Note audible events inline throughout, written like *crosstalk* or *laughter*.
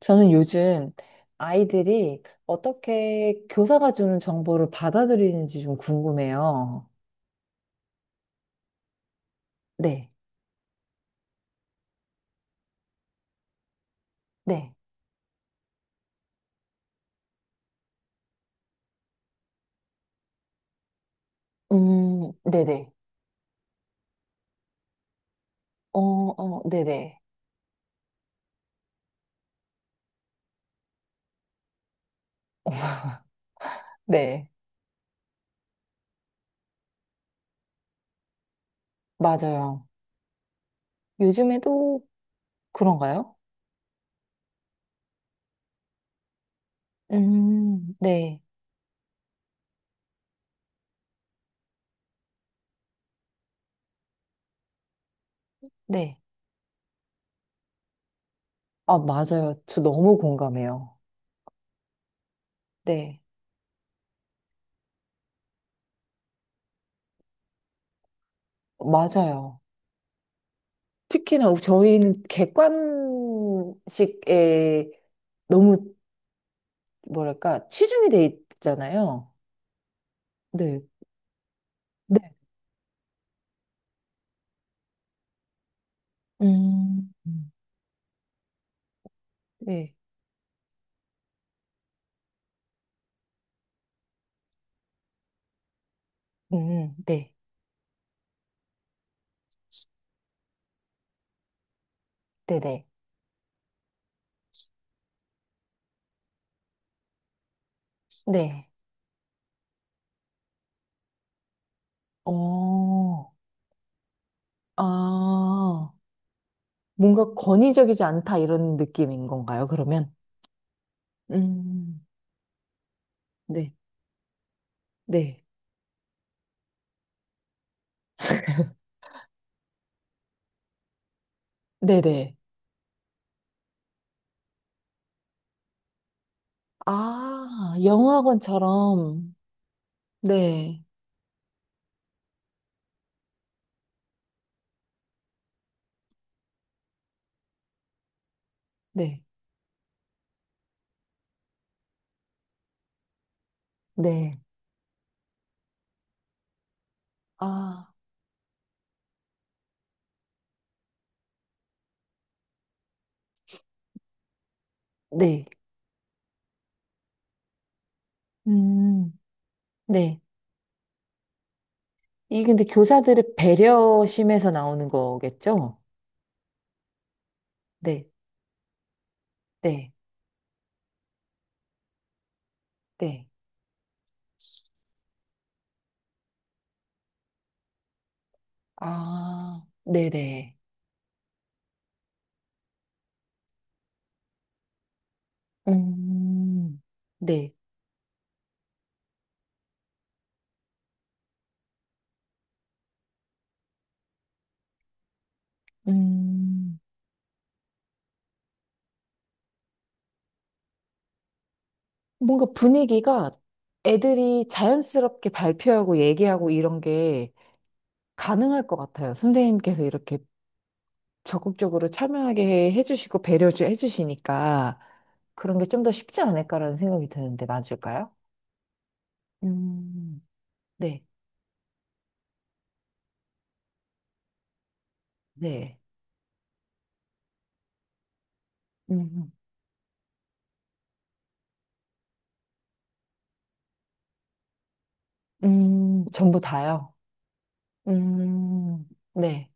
저는 요즘 아이들이 어떻게 교사가 주는 정보를 받아들이는지 좀 궁금해요. 네, 네. 네네. 어, 어, 네네. *laughs* 네, 맞아요. 요즘에도 그런가요? 네, 네. 아, 맞아요. 저 너무 공감해요. 네, 맞아요. 특히나 저희는 객관식에 너무, 뭐랄까, 치중이 돼 있잖아요. 네. 음, 네. 네, 네네, 네. 어, 아, 뭔가 권위적이지 않다 이런 느낌인 건가요, 그러면? 음, 네. 네. 네네. 아, 영어학원처럼. 네, 네, 네. 아, 네. 음, 네. 이게 근데 교사들의 배려심에서 나오는 거겠죠? 네, 네, 네. 아, 네네. 음, 네. 음, 뭔가 분위기가 애들이 자연스럽게 발표하고 얘기하고 이런 게 가능할 것 같아요. 선생님께서 이렇게 적극적으로 참여하게 해주시고 배려해 주시니까 그런 게 좀 더 쉽지 않을까라는 생각이 드는데 맞을까요? 음, 네, 네. 음, 전부 다요. 음, 네,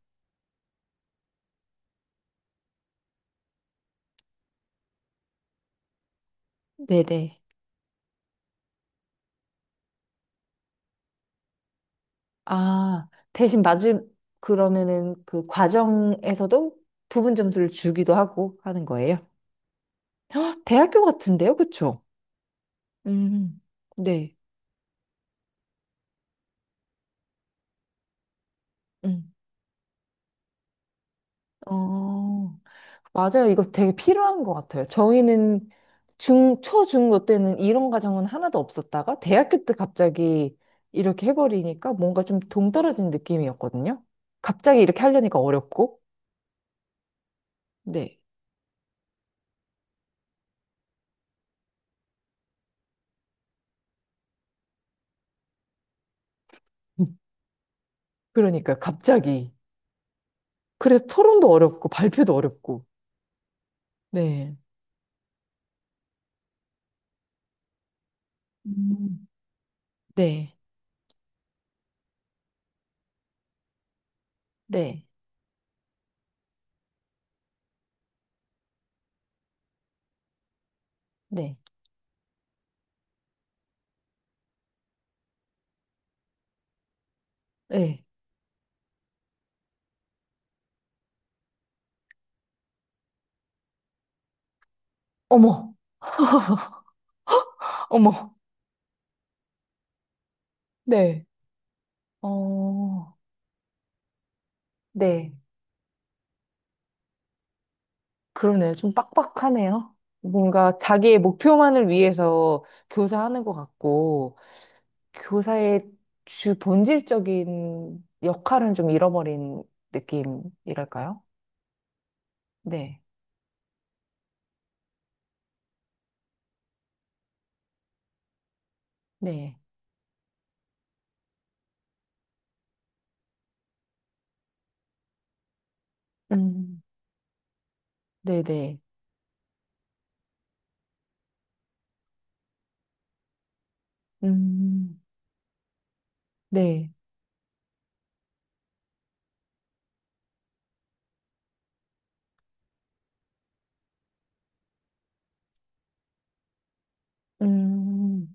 네네. 아, 대신 맞을, 그러면은 그 과정에서도 부분 점수를 주기도 하고 하는 거예요? 헉, 대학교 같은데요? 그쵸? 음, 네. 음. 어, 맞아요. 이거 되게 필요한 것 같아요. 저희는 중, 초, 중고 때는 이런 과정은 하나도 없었다가 대학교 때 갑자기 이렇게 해버리니까 뭔가 좀 동떨어진 느낌이었거든요. 갑자기 이렇게 하려니까 어렵고. 네. *laughs* 음, 그러니까요. 갑자기. 그래서 토론도 어렵고 발표도 어렵고. 네. 음, 네, 네, 네. 네. 어머, 어머, 네. 어, 네. 그러네요. 좀 빡빡하네요. 뭔가 자기의 목표만을 위해서 교사하는 것 같고, 교사의 주 본질적인 역할은 좀 잃어버린 느낌이랄까요? 네, 네. 음, 네 네. 음, 네. 음.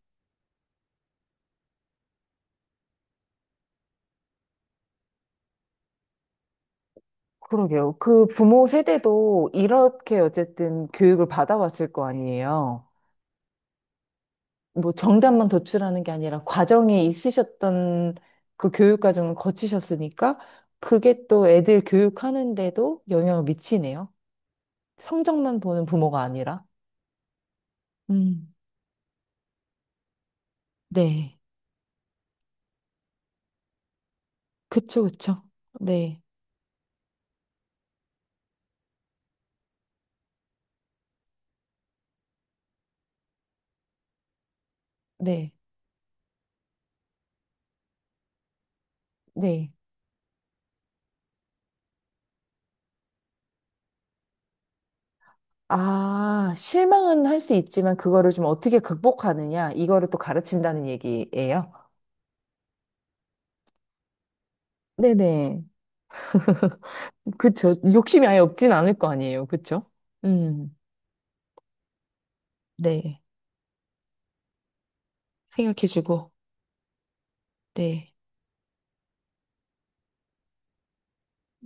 그러게요. 그 부모 세대도 이렇게 어쨌든 교육을 받아왔을 거 아니에요. 뭐 정답만 도출하는 게 아니라 과정이 있으셨던 그 교육 과정을 거치셨으니까 그게 또 애들 교육하는데도 영향을 미치네요. 성적만 보는 부모가 아니라. 음, 네. 그쵸, 그쵸. 네, 네, 네. 아, 실망은 할 수 있지만 그거를 좀 어떻게 극복하느냐, 이거를 또 가르친다는 얘기예요. 네네. 그쵸. 욕심이 아예 없진 않을 거 아니에요. 그쵸? 음, 네. 생각해주고, 네.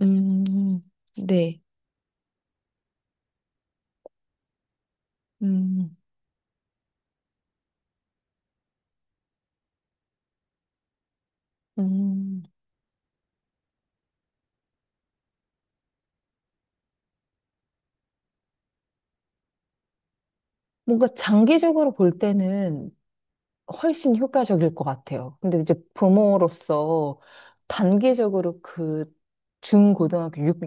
음, 네. 음, 음. 뭔가 장기적으로 볼 때는 훨씬 효과적일 것 같아요. 근데 이제 부모로서 단기적으로 그 중고등학교 6,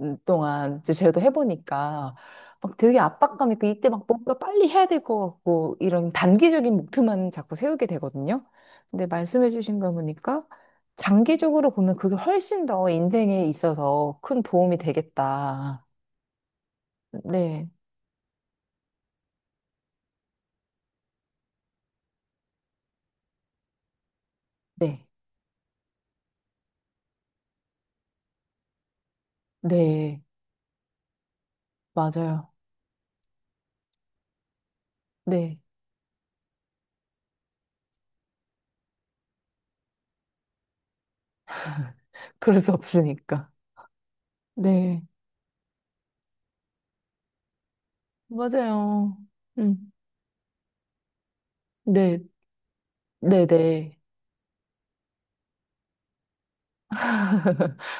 동안 이제 저도 해보니까 막 되게 압박감 있고 이때 막 뭔가 빨리 해야 될 것 같고 이런 단기적인 목표만 자꾸 세우게 되거든요. 근데 말씀해주신 거 보니까 장기적으로 보면 그게 훨씬 더 인생에 있어서 큰 도움이 되겠다. 네, 네, 네, 맞아요. 네, 그럴 수 없으니까. 네, 맞아요. 음, 네, 네, 네.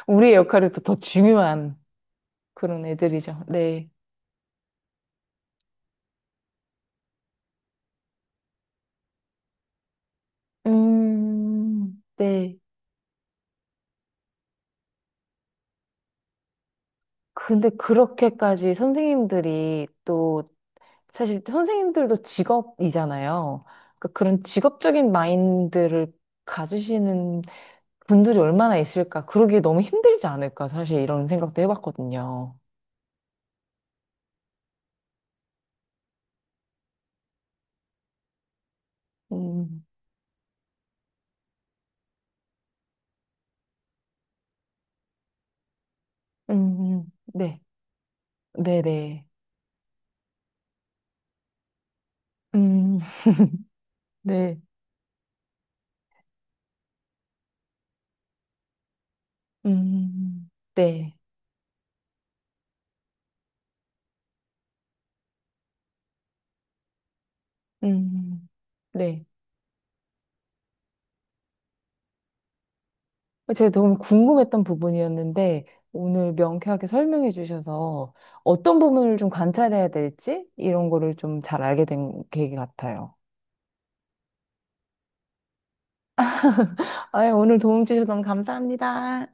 우리의 역할이 또 더 중요한 그런 애들이죠. 네. 네. 근데 그렇게까지 선생님들이 또, 사실 선생님들도 직업이잖아요. 그러니까 그런 직업적인 마인드를 가지시는 분들이 얼마나 있을까. 그러기 너무 힘들지 않을까. 사실 이런 생각도 해봤거든요. 음, 네. 네네. 음, 네. 음, 음, 음. 네. 음, 음, 음. 네. 제가 너무 궁금했던 부분이었는데 오늘 명쾌하게 설명해 주셔서 어떤 부분을 좀 관찰해야 될지 이런 거를 좀 잘 알게 된 계기 같아요. 아유, 오늘 도움 주셔서 너무 감사합니다.